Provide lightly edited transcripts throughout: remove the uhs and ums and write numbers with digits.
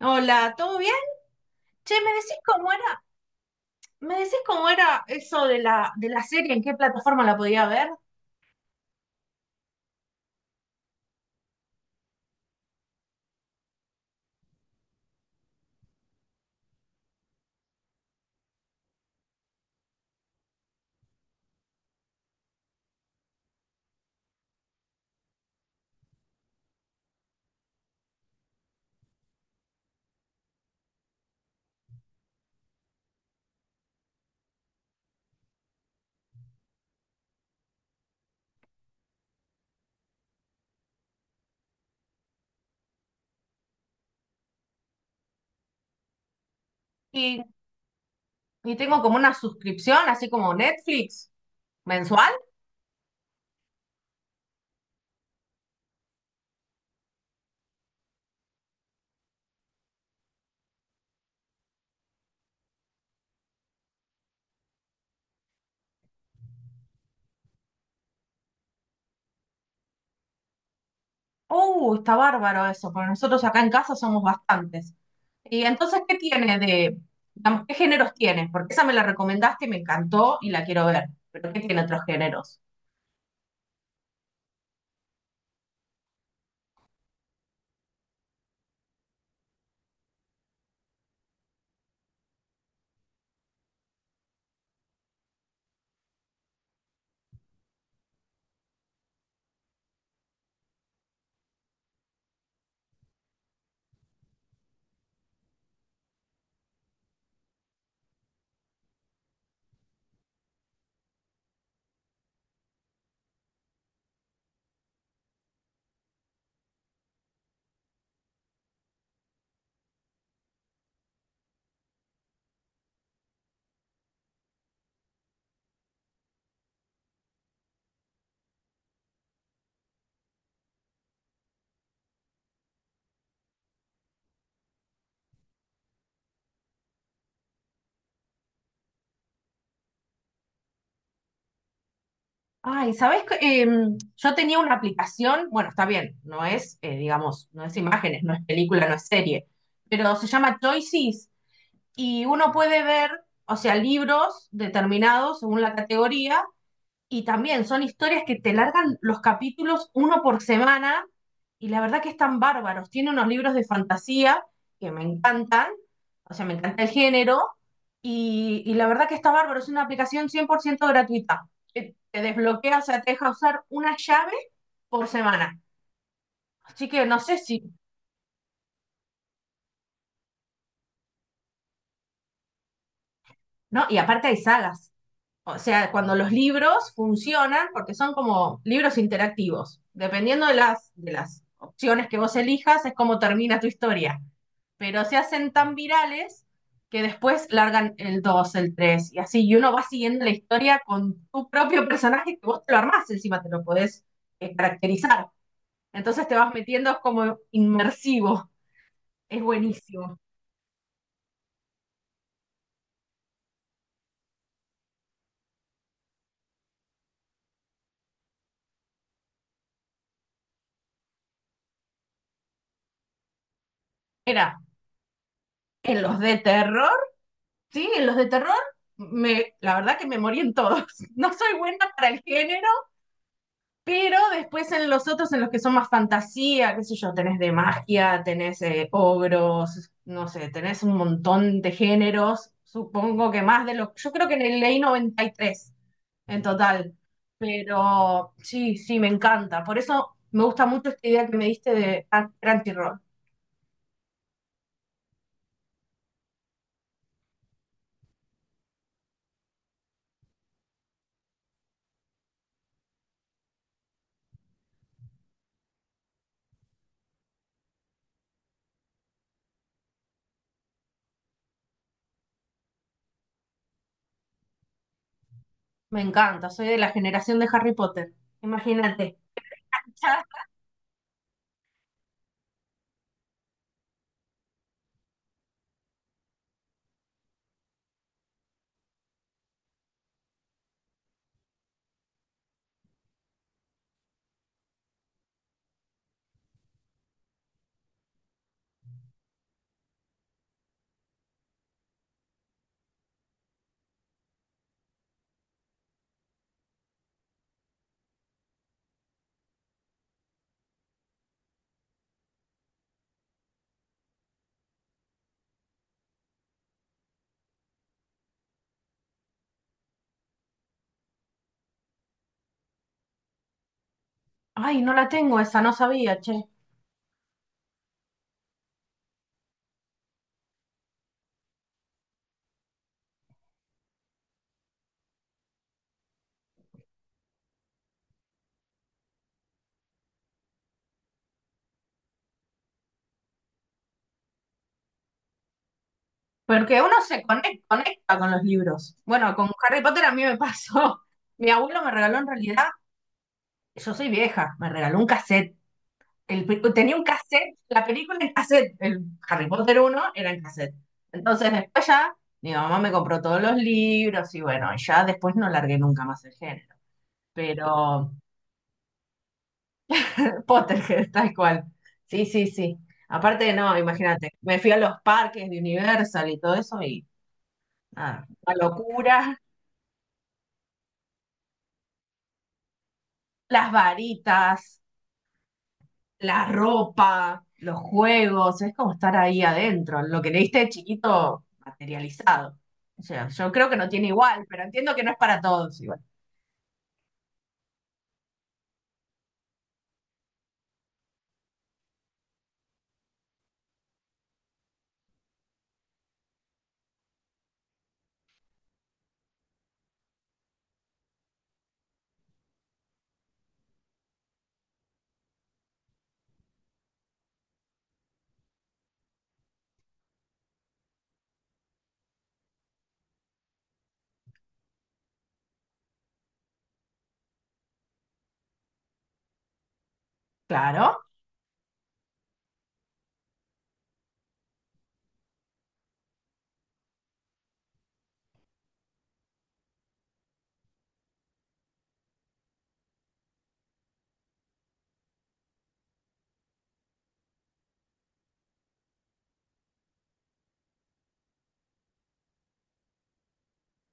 Hola, ¿todo bien? Che, ¿me decís cómo era? ¿Me decís cómo era eso de la serie? ¿En qué plataforma la podía ver? Y, y tengo como una suscripción, así como Netflix, mensual. Está bárbaro eso, porque nosotros acá en casa somos bastantes. Y entonces, ¿qué tiene de, digamos, qué géneros tiene? Porque esa me la recomendaste y me encantó y la quiero ver. Pero ¿qué tiene otros géneros? Ay, ¿sabes qué? Yo tenía una aplicación, bueno, está bien, no es, digamos, no es imágenes, no es película, no es serie, pero se llama Choices y uno puede ver, o sea, libros determinados según la categoría y también son historias que te largan los capítulos uno por semana y la verdad que están bárbaros. Tiene unos libros de fantasía que me encantan, o sea, me encanta el género y la verdad que está bárbaro. Es una aplicación 100% gratuita. Que te desbloquea, o sea, te deja usar una llave por semana. Así que no sé si, ¿no? Y aparte hay sagas. O sea, cuando los libros funcionan, porque son como libros interactivos. Dependiendo de las opciones que vos elijas, es como termina tu historia. Pero se hacen tan virales que después largan el 2, el 3 y así. Y uno va siguiendo la historia con tu propio personaje que vos te lo armás, encima te lo podés caracterizar. Entonces te vas metiendo, es como inmersivo. Es buenísimo. Era en los de terror. Sí, los de terror, me, la verdad que me morí en todos. No soy buena para el género, pero después en los otros, en los que son más fantasía, qué sé yo, tenés de magia, tenés ogros, no sé, tenés un montón de géneros, supongo que más de lo... Yo creo que en el leí 93 en total, pero sí, sí, me encanta. Por eso me gusta mucho esta idea que me diste de Crunchyroll. Me encanta, soy de la generación de Harry Potter, imagínate. Ay, no la tengo esa, no sabía, che. Porque uno se conecta con los libros. Bueno, con Harry Potter a mí me pasó. Mi abuelo me regaló en realidad, yo soy vieja, me regaló un cassette. El tenía un cassette, la película en cassette, el Harry Potter uno era en cassette. Entonces después ya mi mamá me compró todos los libros y bueno, ya después no largué nunca más el género. Pero Potterhead, tal cual. Sí, sí, sí. Aparte, no, imagínate, me fui a los parques de Universal y todo eso. Ah, la locura, las varitas, la ropa, los juegos, es como estar ahí adentro, lo que leíste de chiquito materializado. O sea, yo creo que no tiene igual, pero entiendo que no es para todos igual. Claro,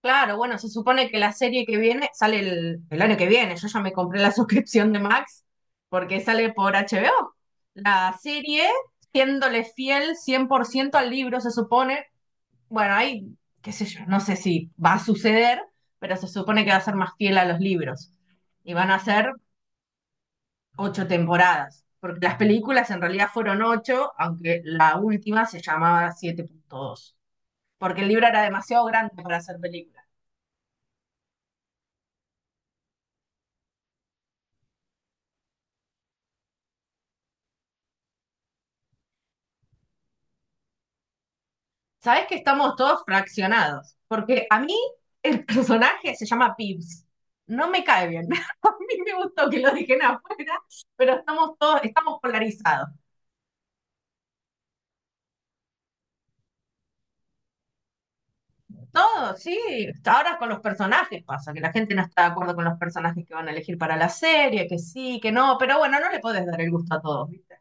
claro, bueno, se supone que la serie que viene sale el año que viene, yo ya me compré la suscripción de Max porque sale por HBO. La serie, siéndole fiel 100% al libro, se supone, bueno, ahí, qué sé yo, no sé si va a suceder, pero se supone que va a ser más fiel a los libros. Y van a ser 8 temporadas, porque las películas en realidad fueron 8, aunque la última se llamaba 7.2, porque el libro era demasiado grande para hacer película. Sabes que estamos todos fraccionados, porque a mí el personaje se llama Pips. No me cae bien. A mí me gustó que lo dejen afuera, pero estamos todos, estamos polarizados. Todo, sí. Ahora con los personajes pasa, que la gente no está de acuerdo con los personajes que van a elegir para la serie, que sí, que no, pero bueno, no le podés dar el gusto a todos, ¿viste?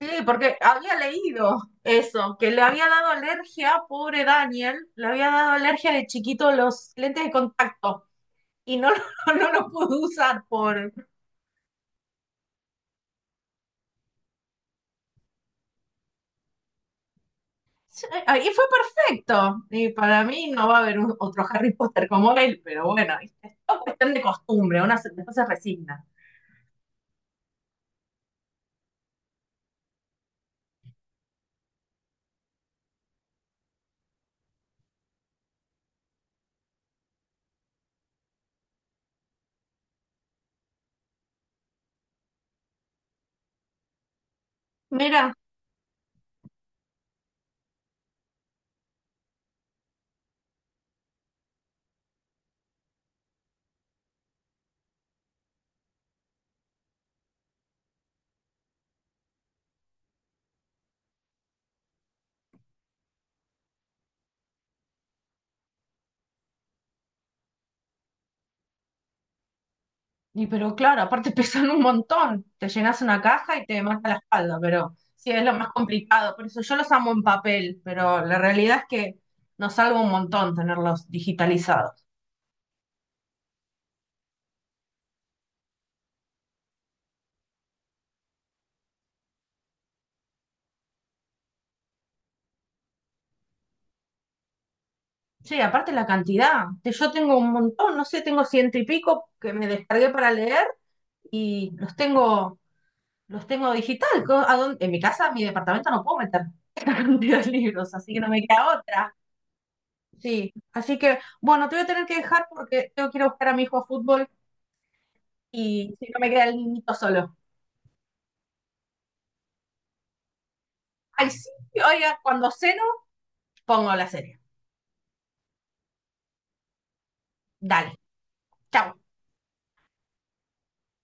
Sí, porque había leído eso, que le había dado alergia, pobre Daniel, le había dado alergia de chiquito los lentes de contacto y no, no los pudo usar por... Sí, y fue perfecto. Y para mí no va a haber otro Harry Potter como él, pero bueno, ¿viste? Es todo cuestión de costumbre, una se, después se resigna. Mira, y pero claro, aparte pesan un montón. Te llenas una caja y te mata la espalda, pero sí es lo más complicado. Por eso yo los amo en papel, pero la realidad es que nos salva un montón tenerlos digitalizados. Sí, aparte la cantidad. Yo tengo un montón, no sé, tengo ciento y pico que me descargué para leer y los tengo digital. ¿A dónde? En mi casa, en mi departamento no puedo meter esta cantidad de libros, así que no me queda otra. Sí, así que bueno, te voy a tener que dejar porque tengo que ir a buscar a mi hijo a fútbol. Y si no me queda el niñito solo. Ay, sí, oiga, cuando ceno, pongo la serie. Dale, chau.